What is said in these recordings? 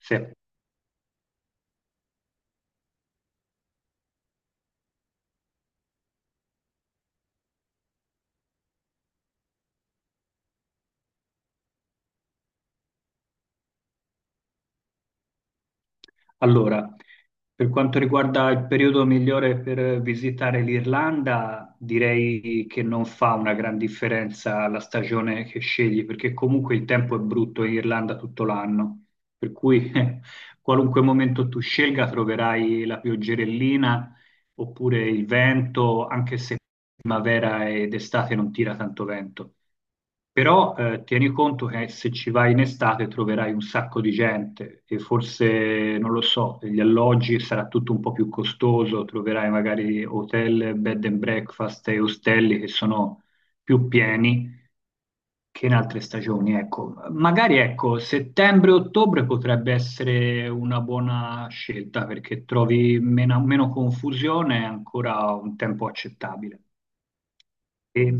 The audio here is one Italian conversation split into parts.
Sì. Allora, per quanto riguarda il periodo migliore per visitare l'Irlanda, direi che non fa una gran differenza la stagione che scegli, perché comunque il tempo è brutto in Irlanda tutto l'anno, per cui qualunque momento tu scelga troverai la pioggerellina oppure il vento, anche se primavera ed estate non tira tanto vento. Però tieni conto che se ci vai in estate troverai un sacco di gente e forse, non lo so, gli alloggi sarà tutto un po' più costoso, troverai magari hotel, bed and breakfast e ostelli che sono più pieni che in altre stagioni. Ecco, magari ecco, settembre-ottobre potrebbe essere una buona scelta perché trovi meno confusione e ancora un tempo accettabile. E-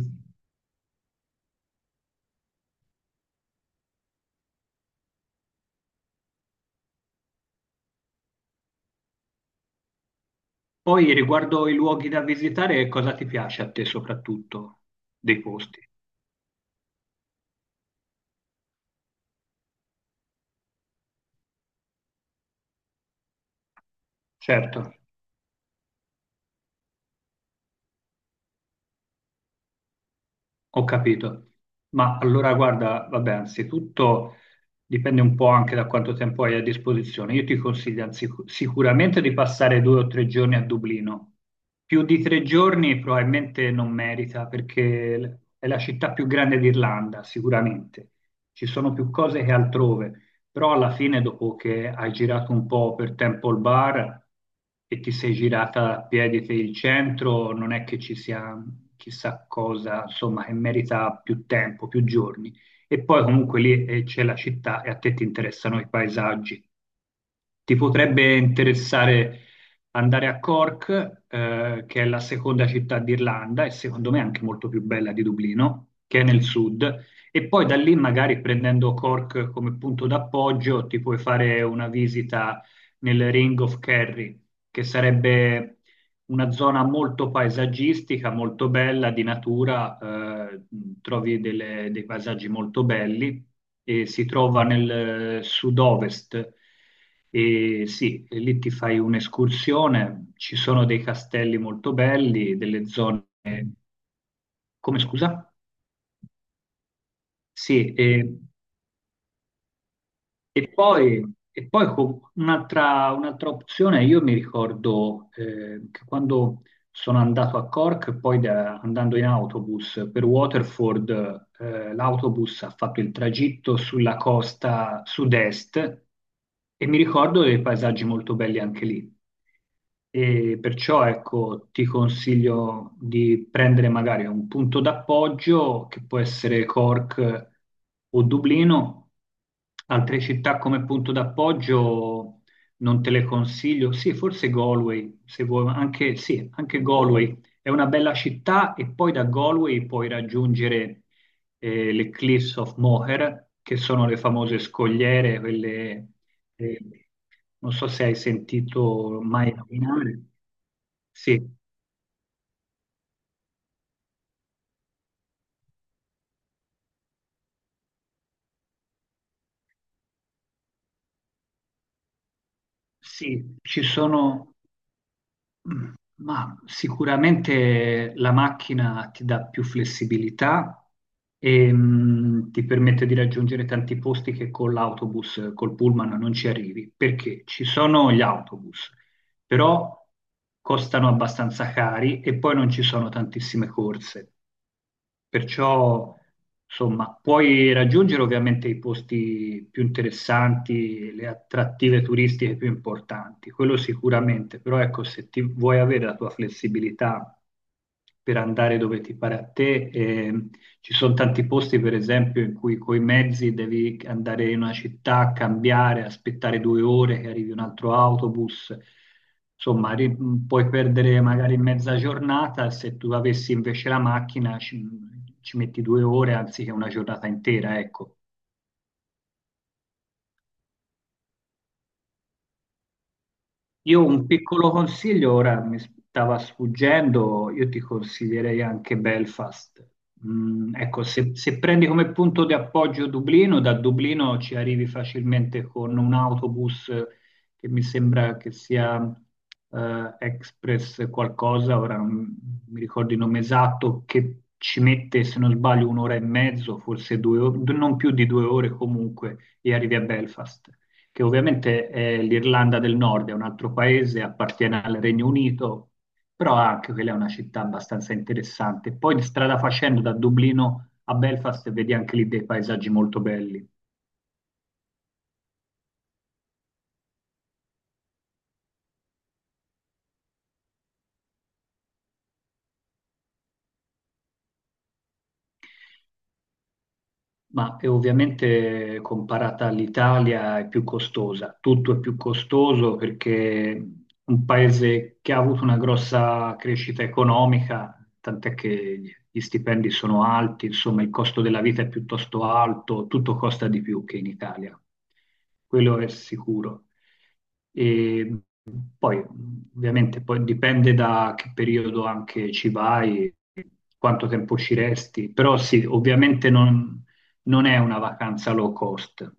Poi riguardo i luoghi da visitare, cosa ti piace a te soprattutto dei posti? Certo, ho capito. Ma allora guarda, vabbè, anzitutto dipende un po' anche da quanto tempo hai a disposizione. Io ti consiglio sicuramente di passare 2 o 3 giorni a Dublino. Più di 3 giorni probabilmente non merita perché è la città più grande d'Irlanda, sicuramente. Ci sono più cose che altrove. Però alla fine, dopo che hai girato un po' per Temple Bar e ti sei girata a piedi per il centro, non è che ci sia chissà cosa, insomma, che merita più tempo, più giorni. E poi comunque lì c'è la città e a te ti interessano i paesaggi. Ti potrebbe interessare andare a Cork, che è la seconda città d'Irlanda e secondo me anche molto più bella di Dublino, che è nel sud, e poi da lì magari prendendo Cork come punto d'appoggio ti puoi fare una visita nel Ring of Kerry, che sarebbe una zona molto paesaggistica, molto bella, di natura, eh, trovi dei paesaggi molto belli e si trova nel sud-ovest. E sì, e lì ti fai un'escursione, ci sono dei castelli molto belli, delle zone... Come scusa? Sì, e poi, e poi un'altra opzione, io mi ricordo che quando sono andato a Cork, poi andando in autobus per Waterford, l'autobus ha fatto il tragitto sulla costa sud-est e mi ricordo dei paesaggi molto belli anche lì. E perciò ecco, ti consiglio di prendere magari un punto d'appoggio che può essere Cork o Dublino, altre città come punto d'appoggio non te le consiglio. Sì, forse Galway, se vuoi, ma anche, sì, anche Galway è una bella città e poi da Galway puoi raggiungere le Cliffs of Moher, che sono le famose scogliere, quelle, eh, non so se hai sentito mai nominare. Sì, sì, ci sono. Ma sicuramente la macchina ti dà più flessibilità e ti permette di raggiungere tanti posti che con l'autobus, col pullman non ci arrivi, perché ci sono gli autobus, però costano abbastanza cari e poi non ci sono tantissime corse. Perciò, insomma, puoi raggiungere ovviamente i posti più interessanti, le attrattive turistiche più importanti, quello sicuramente, però ecco, se ti vuoi avere la tua flessibilità per andare dove ti pare a te, ci sono tanti posti, per esempio, in cui coi mezzi devi andare in una città, cambiare, aspettare 2 ore che arrivi un altro autobus. Insomma, puoi perdere magari mezza giornata, se tu avessi invece la macchina ci metti 2 ore anziché una giornata intera, ecco. Io un piccolo consiglio, ora mi stava sfuggendo, io ti consiglierei anche Belfast. Ecco, se prendi come punto di appoggio Dublino, da Dublino ci arrivi facilmente con un autobus che mi sembra che sia Express qualcosa, ora non mi ricordo il nome esatto, che ci mette, se non sbaglio, un'ora e mezzo, forse due, non più di 2 ore comunque, e arrivi a Belfast che ovviamente è l'Irlanda del Nord, è un altro paese, appartiene al Regno Unito, però anche quella è una città abbastanza interessante. Poi di strada facendo da Dublino a Belfast vedi anche lì dei paesaggi molto belli. Ma è ovviamente comparata all'Italia è più costosa, tutto è più costoso perché un paese che ha avuto una grossa crescita economica, tant'è che gli stipendi sono alti, insomma il costo della vita è piuttosto alto, tutto costa di più che in Italia, quello è sicuro. E poi ovviamente poi dipende da che periodo anche ci vai, quanto tempo ci resti, però sì, ovviamente non è una vacanza low cost.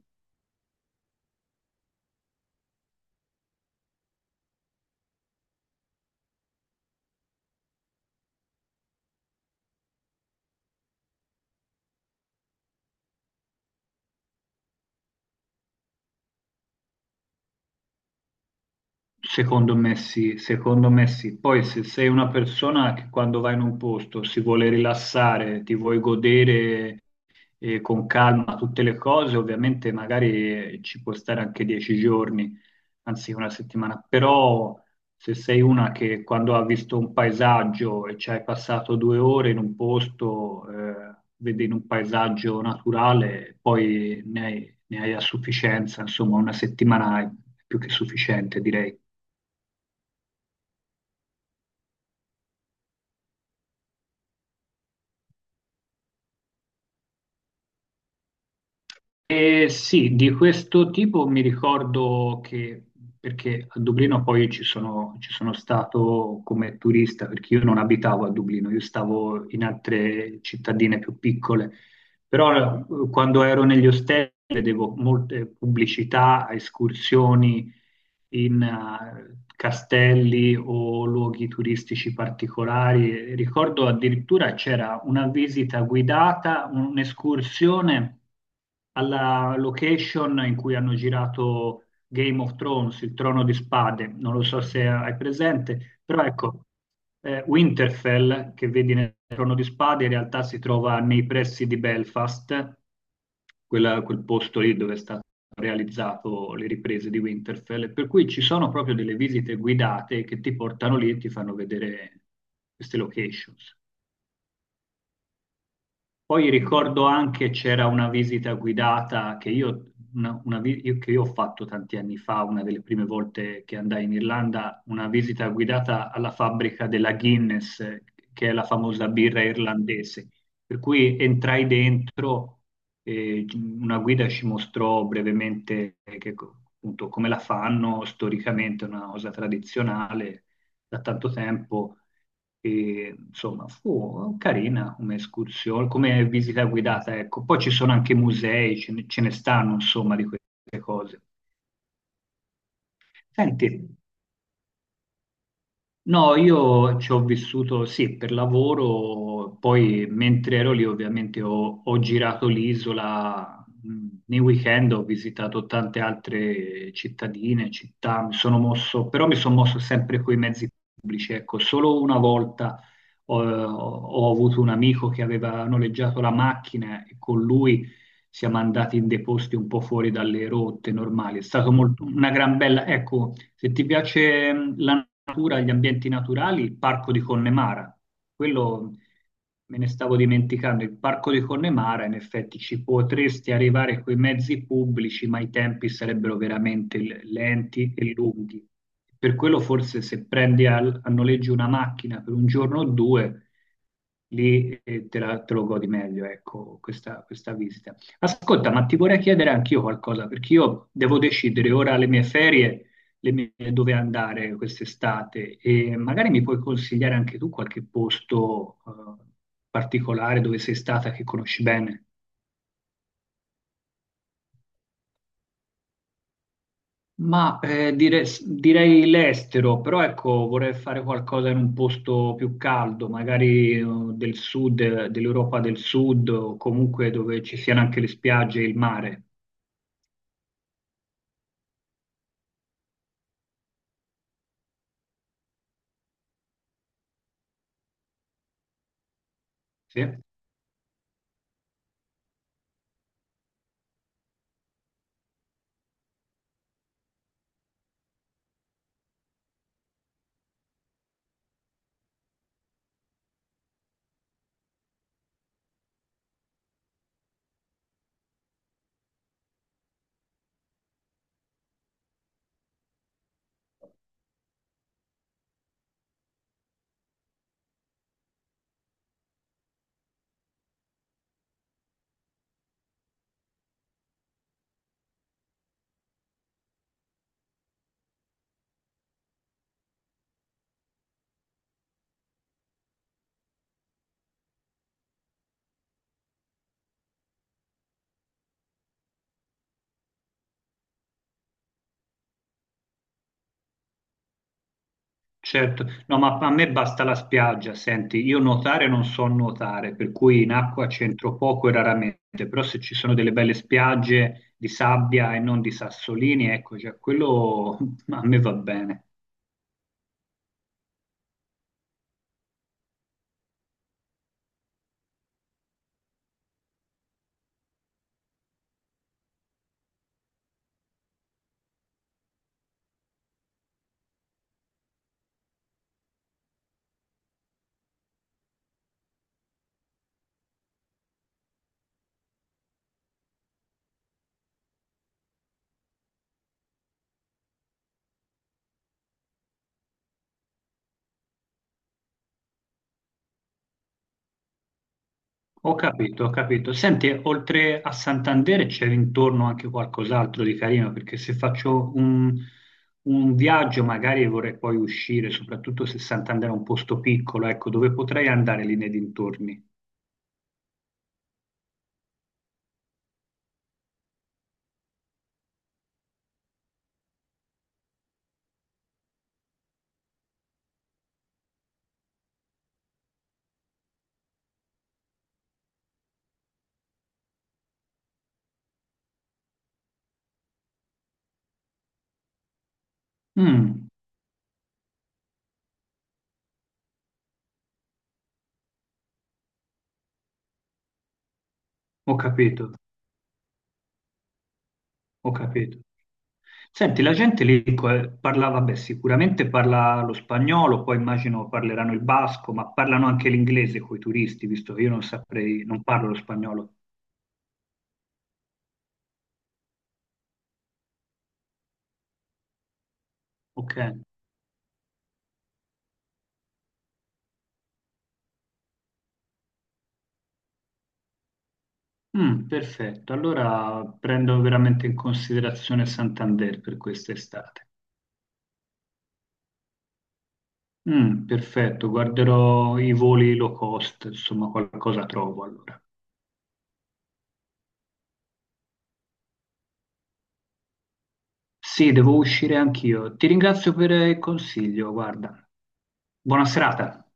Secondo me sì, secondo me sì. Poi se sei una persona che quando vai in un posto si vuole rilassare, ti vuoi godere con calma tutte le cose, ovviamente magari ci può stare anche 10 giorni, anzi una settimana, però se sei una che quando ha visto un paesaggio e ci hai passato 2 ore in un posto, vedi in un paesaggio naturale, poi ne hai a sufficienza, insomma una settimana è più che sufficiente, direi. Sì, di questo tipo mi ricordo che, perché a Dublino poi ci sono stato come turista, perché io non abitavo a Dublino, io stavo in altre cittadine più piccole, però quando ero negli ostelli vedevo molte pubblicità, escursioni in castelli o luoghi turistici particolari. Ricordo addirittura c'era una visita guidata, un'escursione alla location in cui hanno girato Game of Thrones, il Trono di Spade. Non lo so se hai presente, però ecco, Winterfell, che vedi nel Trono di Spade, in realtà si trova nei pressi di Belfast, quel posto lì dove è stato realizzato le riprese di Winterfell, per cui ci sono proprio delle visite guidate che ti portano lì e ti fanno vedere queste locations. Poi ricordo anche c'era una visita guidata che io, che io ho fatto tanti anni fa, una delle prime volte che andai in Irlanda, una visita guidata alla fabbrica della Guinness, che è la famosa birra irlandese. Per cui entrai dentro e una guida ci mostrò brevemente che appunto come la fanno storicamente, una cosa tradizionale da tanto tempo. E, insomma, fu carina come escursione, come visita guidata, ecco. Poi ci sono anche musei, ce ne stanno, insomma, di queste cose. Senti, no, io ci ho vissuto sì per lavoro, poi mentre ero lì ovviamente ho girato l'isola, nei weekend ho visitato tante altre cittadine, città, mi sono mosso, però mi sono mosso sempre con i mezzi pubblici, ecco, solo una volta ho avuto un amico che aveva noleggiato la macchina e con lui siamo andati in dei posti un po' fuori dalle rotte normali, è stato molto, una gran bella, ecco. Se ti piace la natura, gli ambienti naturali, il parco di Connemara. Quello me ne stavo dimenticando. Il parco di Connemara, in effetti, ci potresti arrivare con i mezzi pubblici, ma i tempi sarebbero veramente lenti e lunghi. Per quello, forse, se prendi noleggio una macchina per un giorno o due, lì te lo godi meglio, ecco, questa visita. Ascolta, ma ti vorrei chiedere anch'io qualcosa, perché io devo decidere ora le mie ferie dove andare quest'estate e magari mi puoi consigliare anche tu qualche posto eh, particolare dove sei stata che conosci bene. Ma direi l'estero, però ecco, vorrei fare qualcosa in un posto più caldo, magari del sud, dell'Europa del Sud o comunque dove ci siano anche le spiagge e il mare. Sì? Certo, no, ma a me basta la spiaggia, senti, io nuotare non so nuotare, per cui in acqua c'entro poco e raramente, però se ci sono delle belle spiagge di sabbia e non di sassolini, ecco, già quello a me va bene. Ho capito, ho capito. Senti, oltre a Santander c'è intorno anche qualcos'altro di carino, perché se faccio un viaggio magari vorrei poi uscire, soprattutto se Santander è un posto piccolo, ecco, dove potrei andare lì nei dintorni. Mm, ho capito. Ho capito. Senti, la gente lì parla, vabbè, sicuramente parla lo spagnolo, poi immagino parleranno il basco, ma parlano anche l'inglese con i turisti, visto che io non saprei, non parlo lo spagnolo. Ok. Perfetto. Allora prendo veramente in considerazione Santander per quest'estate. Perfetto, guarderò i voli low cost, insomma, qualcosa trovo allora. Sì, devo uscire anch'io. Ti ringrazio per il consiglio, guarda. Buona serata.